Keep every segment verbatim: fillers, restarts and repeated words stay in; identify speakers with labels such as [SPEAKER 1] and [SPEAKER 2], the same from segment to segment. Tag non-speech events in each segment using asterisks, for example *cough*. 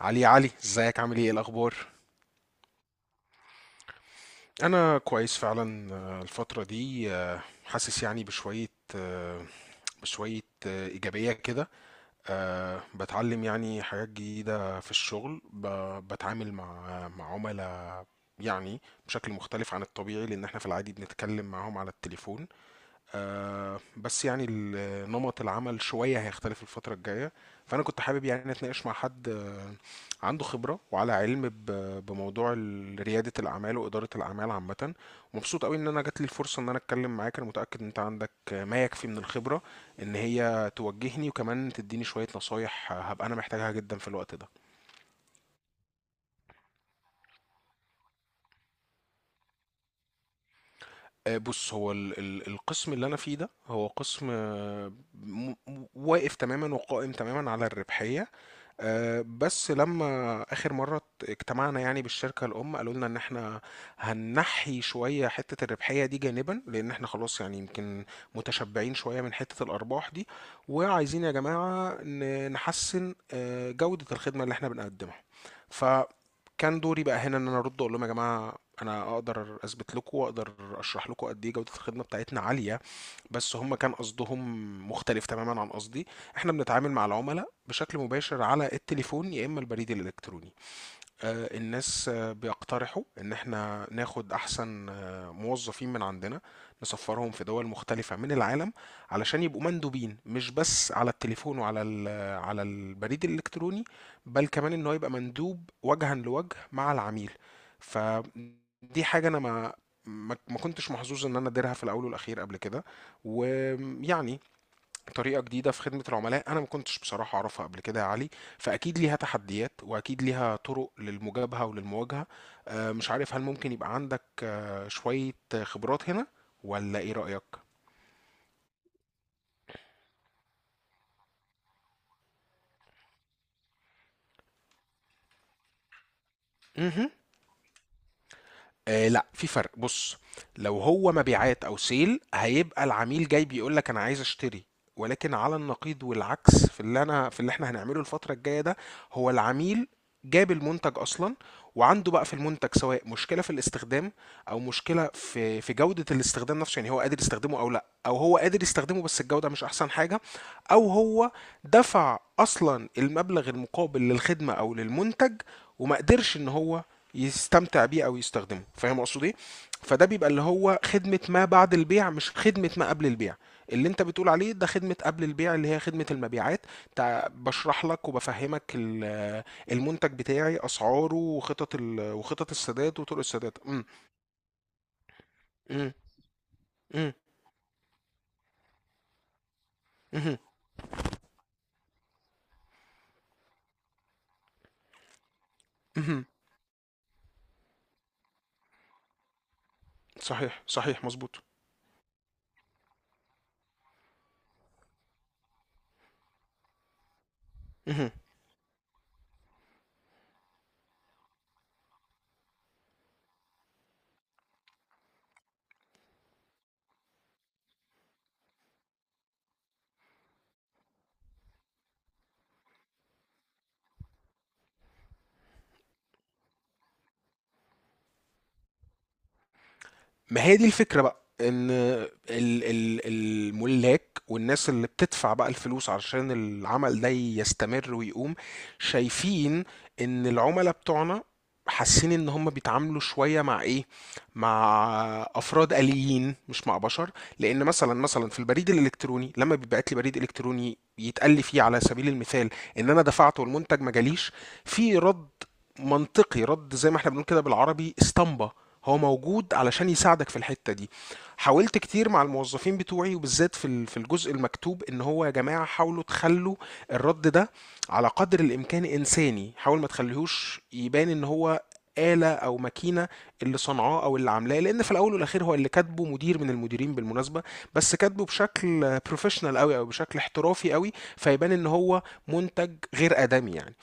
[SPEAKER 1] علي علي ازيك؟ عامل ايه؟ إيه الاخبار؟ انا كويس فعلا. آه، الفتره دي آه، حاسس يعني بشويه، آه، بشويه آه، ايجابيه كده. آه، بتعلم يعني حاجات جديده في الشغل، ب- بتعامل مع مع عملاء يعني بشكل مختلف عن الطبيعي، لان احنا في العادي بنتكلم معاهم على التليفون. آه، بس يعني ال- نمط العمل شوية هيختلف الفترة الجاية. فأنا كنت حابب يعني أتناقش مع حد آه، عنده خبرة وعلى علم ب- بموضوع ال- ريادة الأعمال وإدارة الأعمال عامة، ومبسوط قوي إن أنا جات لي الفرصة إن أنا أتكلم معاك. أنا متأكد إن أنت عندك آه، ما يكفي من الخبرة إن هي توجهني، وكمان تديني شوية نصايح آه، هبقى أنا محتاجها جدا في الوقت ده. آه، بص، هو ال- ال- القسم اللي انا فيه ده هو قسم آه، م- م- واقف تماما وقائم تماما على الربحيه. آه، بس لما آخر مرة ات- اجتمعنا يعني بالشركة الأم، قالوا لنا إن إحنا هننحي شوية حتة الربحية دي جانبا، لأن إحنا خلاص يعني يمكن متشبعين شوية من حتة الأرباح دي، وعايزين يا جماعة ن- نحسن آه، جودة الخدمة اللي إحنا بنقدمها. فكان دوري بقى هنا إن أنا أرد أقول لهم يا جماعة أنا أقدر أثبت لكم وأقدر أشرح لكم قد إيه جودة الخدمة بتاعتنا عالية، بس هم كان قصدهم مختلف تماما عن قصدي. احنا بنتعامل مع العملاء بشكل مباشر على التليفون يا اما البريد الالكتروني. آه، الناس آه، بيقترحوا ان احنا ناخد احسن آه، موظفين من عندنا، نسفرهم في دول مختلفة من العالم، علشان يبقوا مندوبين مش بس على التليفون وعلى ال- على البريد الالكتروني، بل كمان ان هو يبقى مندوب وجها لوجه مع العميل. فدي حاجة انا ما ما ما كنتش محظوظ ان انا اديرها في الاول والاخير قبل كده، ويعني طريقة جديدة في خدمة العملاء أنا ما كنتش بصراحة أعرفها قبل كده يا علي. فأكيد ليها تحديات، وأكيد ليها طرق للمجابهة وللمواجهة. آه، مش عارف هل ممكن يبقى عندك آه، شوية خبرات هنا، ولا إيه رأيك؟ مهم. آه، لا، في فرق. بص، لو هو مبيعات او سيل هيبقى العميل جاي بيقول لك انا عايز اشتري. ولكن على النقيض والعكس، في اللي انا في اللي احنا هنعمله الفترة الجاية ده، هو العميل جاب المنتج اصلا، وعنده بقى في المنتج سواء مشكلة في الاستخدام، او مشكلة في في جودة الاستخدام نفسه، يعني هو قادر يستخدمه او لا، او هو قادر يستخدمه بس الجودة مش احسن حاجة، او هو دفع اصلا المبلغ المقابل للخدمة او للمنتج وما قدرش ان هو يستمتع بيه او يستخدمه. فاهم اقصد ايه؟ فده بيبقى اللي هو خدمة ما بعد البيع، مش خدمة ما قبل البيع اللي انت بتقول عليه. ده خدمة قبل البيع اللي هي خدمة المبيعات، تع- بشرح لك وبفهمك ال- المنتج بتاعي، اسعاره وخطط ال... وخطط السداد وطرق السداد. امم امم امم صحيح، صحيح، مظبوط. مهم. ما هي دي الفكرة بقى، ان ال- ال- الملاك والناس اللي بتدفع بقى الفلوس علشان العمل ده يستمر ويقوم، شايفين ان العملاء بتوعنا حاسين ان هم بيتعاملوا شوية مع ايه، مع افراد آليين مش مع بشر. لان مثلا مثلا في البريد الالكتروني، لما بيبعت لي بريد الكتروني يتقال لي فيه على سبيل المثال ان انا دفعت والمنتج ما جاليش، في رد منطقي، رد زي ما احنا بنقول كده بالعربي اسطمبة، هو موجود علشان يساعدك في الحتة دي. حاولت كتير مع الموظفين بتوعي، وبالذات في ال-، في الجزء المكتوب، ان هو يا جماعة حاولوا تخلوا الرد ده على قدر الامكان انساني، حاول ما تخليهوش يبان ان هو آلة أو ماكينة اللي صنعاه أو اللي عاملاه، لأن في الأول والأخير هو اللي كاتبه مدير من المديرين بالمناسبة، بس كاتبه بشكل بروفيشنال أوي أو بشكل احترافي أوي، فيبان إن هو منتج غير آدمي يعني.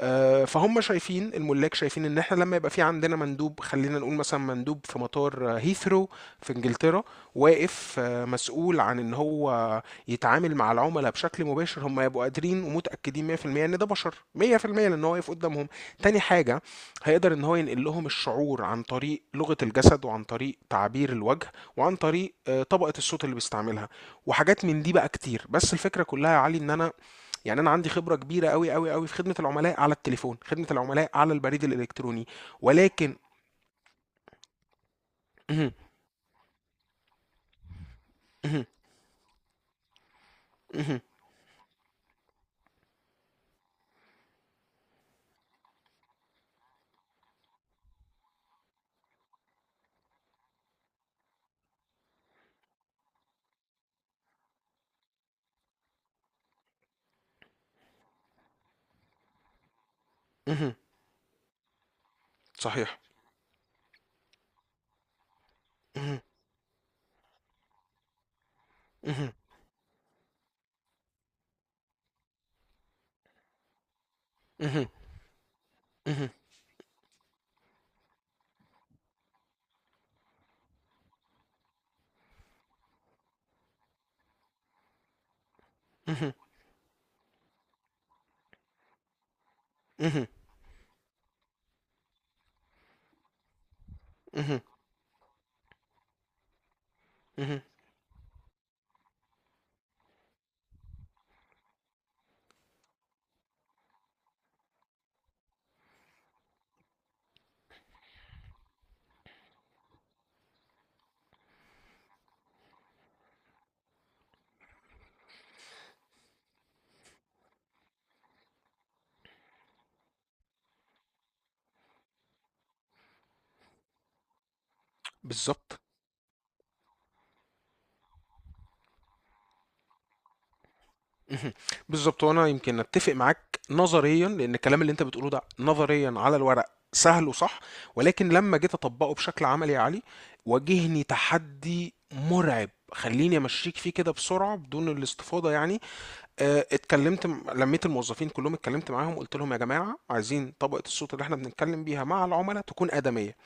[SPEAKER 1] آه، فهم شايفين، الملاك شايفين ان احنا لما يبقى في عندنا مندوب، خلينا نقول مثلا مندوب في مطار آه، هيثرو في انجلترا، واقف آه، مسؤول عن ان هو يتعامل مع العملاء بشكل مباشر، هم يبقوا قادرين ومتاكدين مية في المية ان ده بشر مية في المية، لان هو واقف قدامهم. تاني حاجه، هيقدر ان هو ينقل لهم الشعور عن طريق لغه الجسد، وعن طريق تعبير الوجه، وعن طريق آه، طبقه الصوت اللي بيستعملها، وحاجات من دي بقى كتير. بس الفكره كلها يا علي، ان انا يعني انا عندي خبره كبيره قوي قوي قوي في خدمه العملاء على التليفون، خدمه العملاء على البريد الالكتروني، ولكن *laughs* صحيح *laughs* بالظبط *laughs* بالظبط. وانا يمكن اتفق معاك نظريا، لان الكلام اللي انت بتقوله ده نظريا على الورق سهل وصح، ولكن لما جيت اطبقه بشكل عملي يا علي، واجهني تحدي مرعب. خليني امشيك فيه كده بسرعه بدون الاستفاضه يعني. آه، اتكلمت م- لميت الموظفين كلهم، اتكلمت معاهم قلت لهم يا جماعة عايزين طبقة الصوت اللي احنا بنتكلم بيها مع العملاء تكون آدمية.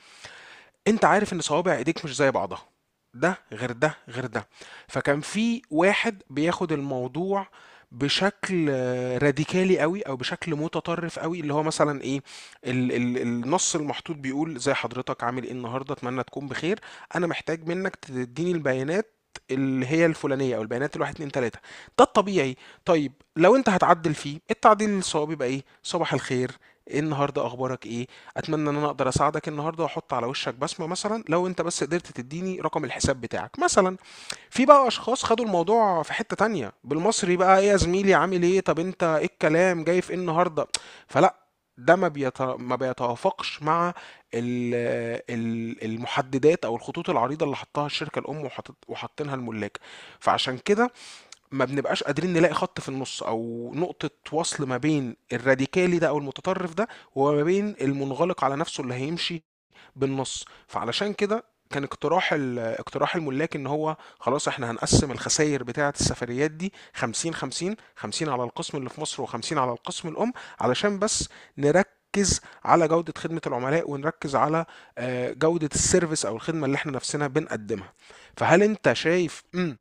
[SPEAKER 1] انت عارف ان صوابع ايديك مش زي بعضها، ده غير ده غير ده. فكان في واحد بياخد الموضوع بشكل آه، راديكالي قوي، او بشكل متطرف قوي، اللي هو مثلا ايه، ال ال النص المحطوط بيقول زي حضرتك عامل ايه النهارده، اتمنى تكون بخير، انا محتاج منك تديني البيانات اللي هي الفلانيه، او البيانات الواحد اتنين تلاته. ده الطبيعي. طيب لو انت هتعدل فيه، التعديل الصواب يبقى ايه، صباح الخير، إيه النهارده، اخبارك ايه، اتمنى ان انا اقدر اساعدك النهارده واحط على وشك بصمه، مثلا لو انت بس قدرت تديني رقم الحساب بتاعك مثلا. في بقى اشخاص خدوا الموضوع في حته تانية، بالمصري بقى، ايه يا زميلي عامل ايه، طب انت ايه الكلام جاي في ايه النهارده. فلا، ده ما بيت... ما بيتوافقش مع ال... ال- المحددات او الخطوط العريضه اللي حطها الشركه الام، وحط... وحاطينها الملاك. فعشان كده ما بنبقاش قادرين نلاقي خط في النص او نقطة وصل ما بين الراديكالي ده او المتطرف ده، وما بين المنغلق على نفسه اللي هيمشي بالنص. فعلشان كده كان اقتراح ال- اقتراح الملاك، ان هو خلاص احنا هنقسم الخسائر بتاعة السفريات دي خمسين خمسين، خمسين على القسم اللي في مصر و50 على القسم الام، علشان بس نركز على جودة خدمة العملاء، ونركز على آه، جودة السيرفيس او الخدمة اللي احنا نفسنا بنقدمها. فهل انت شايف؟ امم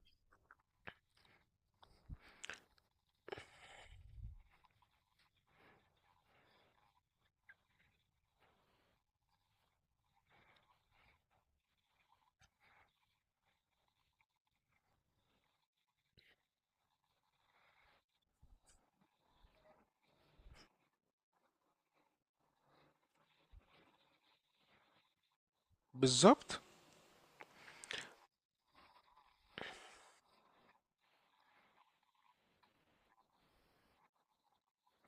[SPEAKER 1] بالظبط.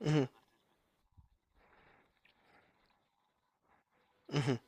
[SPEAKER 1] مهم. اهم.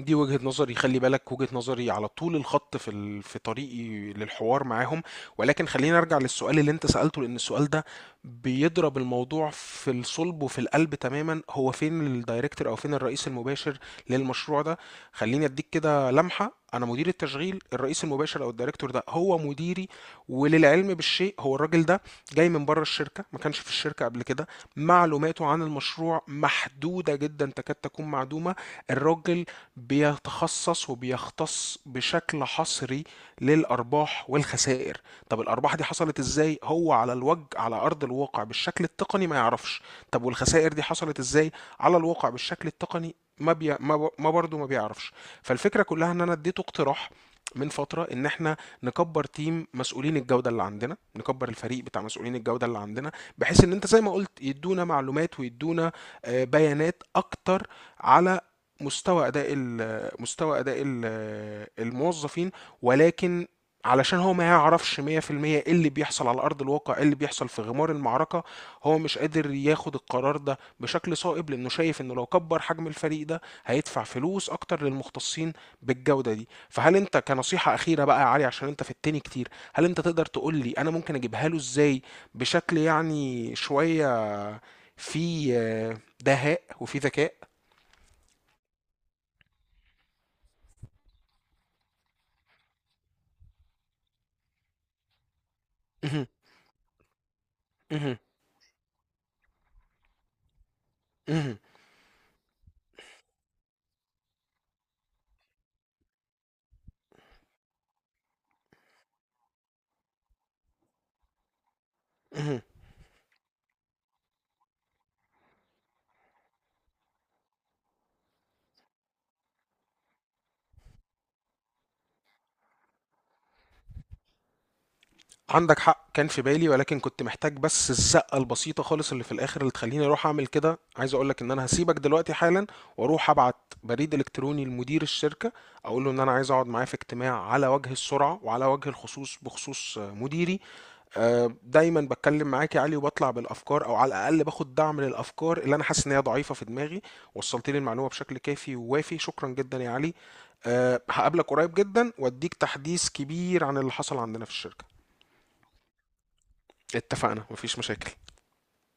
[SPEAKER 1] دي وجهة نظري، خلي بالك، وجهة نظري على طول الخط في ال...، في طريقي للحوار معاهم. ولكن خلينا ارجع للسؤال اللي انت سألته، لان السؤال ده بيضرب الموضوع في الصلب وفي القلب تماما. هو فين الدايركتور، او فين الرئيس المباشر للمشروع ده؟ خليني اديك كده لمحة، انا مدير التشغيل، الرئيس المباشر او الدايركتور ده هو مديري، وللعلم بالشيء هو الراجل ده جاي من بره الشركة، ما كانش في الشركة قبل كده، معلوماته عن المشروع محدودة جدا تكاد تكون معدومة. الراجل بيتخصص وبيختص بشكل حصري للأرباح والخسائر. طب الأرباح دي حصلت إزاي، هو على الوجه، على أرض الواقع بالشكل التقني، ما يعرفش. طب والخسائر دي حصلت إزاي على الواقع بالشكل التقني، ما بي... ما، ب... ما برضه ما بيعرفش. فالفكرة كلها إن أنا اديته اقتراح من فترة إن إحنا نكبر تيم مسؤولين الجودة اللي عندنا، نكبر الفريق بتاع مسؤولين الجودة اللي عندنا، بحيث إن أنت زي ما قلت يدونا معلومات ويدونا آه، بيانات أكتر على مستوى اداء ال- مستوى اداء ال- الموظفين. ولكن علشان هو ما يعرفش مية في المية ايه اللي بيحصل على ارض الواقع، ايه اللي بيحصل في غمار المعركه، هو مش قادر ياخد القرار ده بشكل صائب، لانه شايف انه لو كبر حجم الفريق ده هيدفع فلوس اكتر للمختصين بالجوده دي. فهل انت، كنصيحه اخيره بقى يا علي، عشان انت في التاني كتير، هل انت تقدر تقول لي انا ممكن اجيبها له ازاي بشكل يعني شويه في آه، دهاء وفي ذكاء؟ *laughs* مهم. عندك حق، كان في بالي، ولكن كنت محتاج بس الزقة البسيطة خالص اللي في الآخر اللي تخليني أروح أعمل كده. عايز أقولك إن أنا هسيبك دلوقتي حالا وأروح أبعت بريد إلكتروني لمدير الشركة، أقول له إن أنا عايز أقعد معاه في اجتماع على وجه السرعة وعلى وجه الخصوص بخصوص آه، مديري. آه، دايما بتكلم معاك يا علي وبطلع بالأفكار، أو على الأقل باخد دعم للأفكار اللي أنا حاسس إن هي ضعيفة في دماغي. وصلت لي المعلومة بشكل كافي ووافي، شكرا جدا يا علي. آه، هقابلك قريب جدا وأديك تحديث كبير عن اللي حصل عندنا في الشركة. اتفقنا، مفيش مشاكل.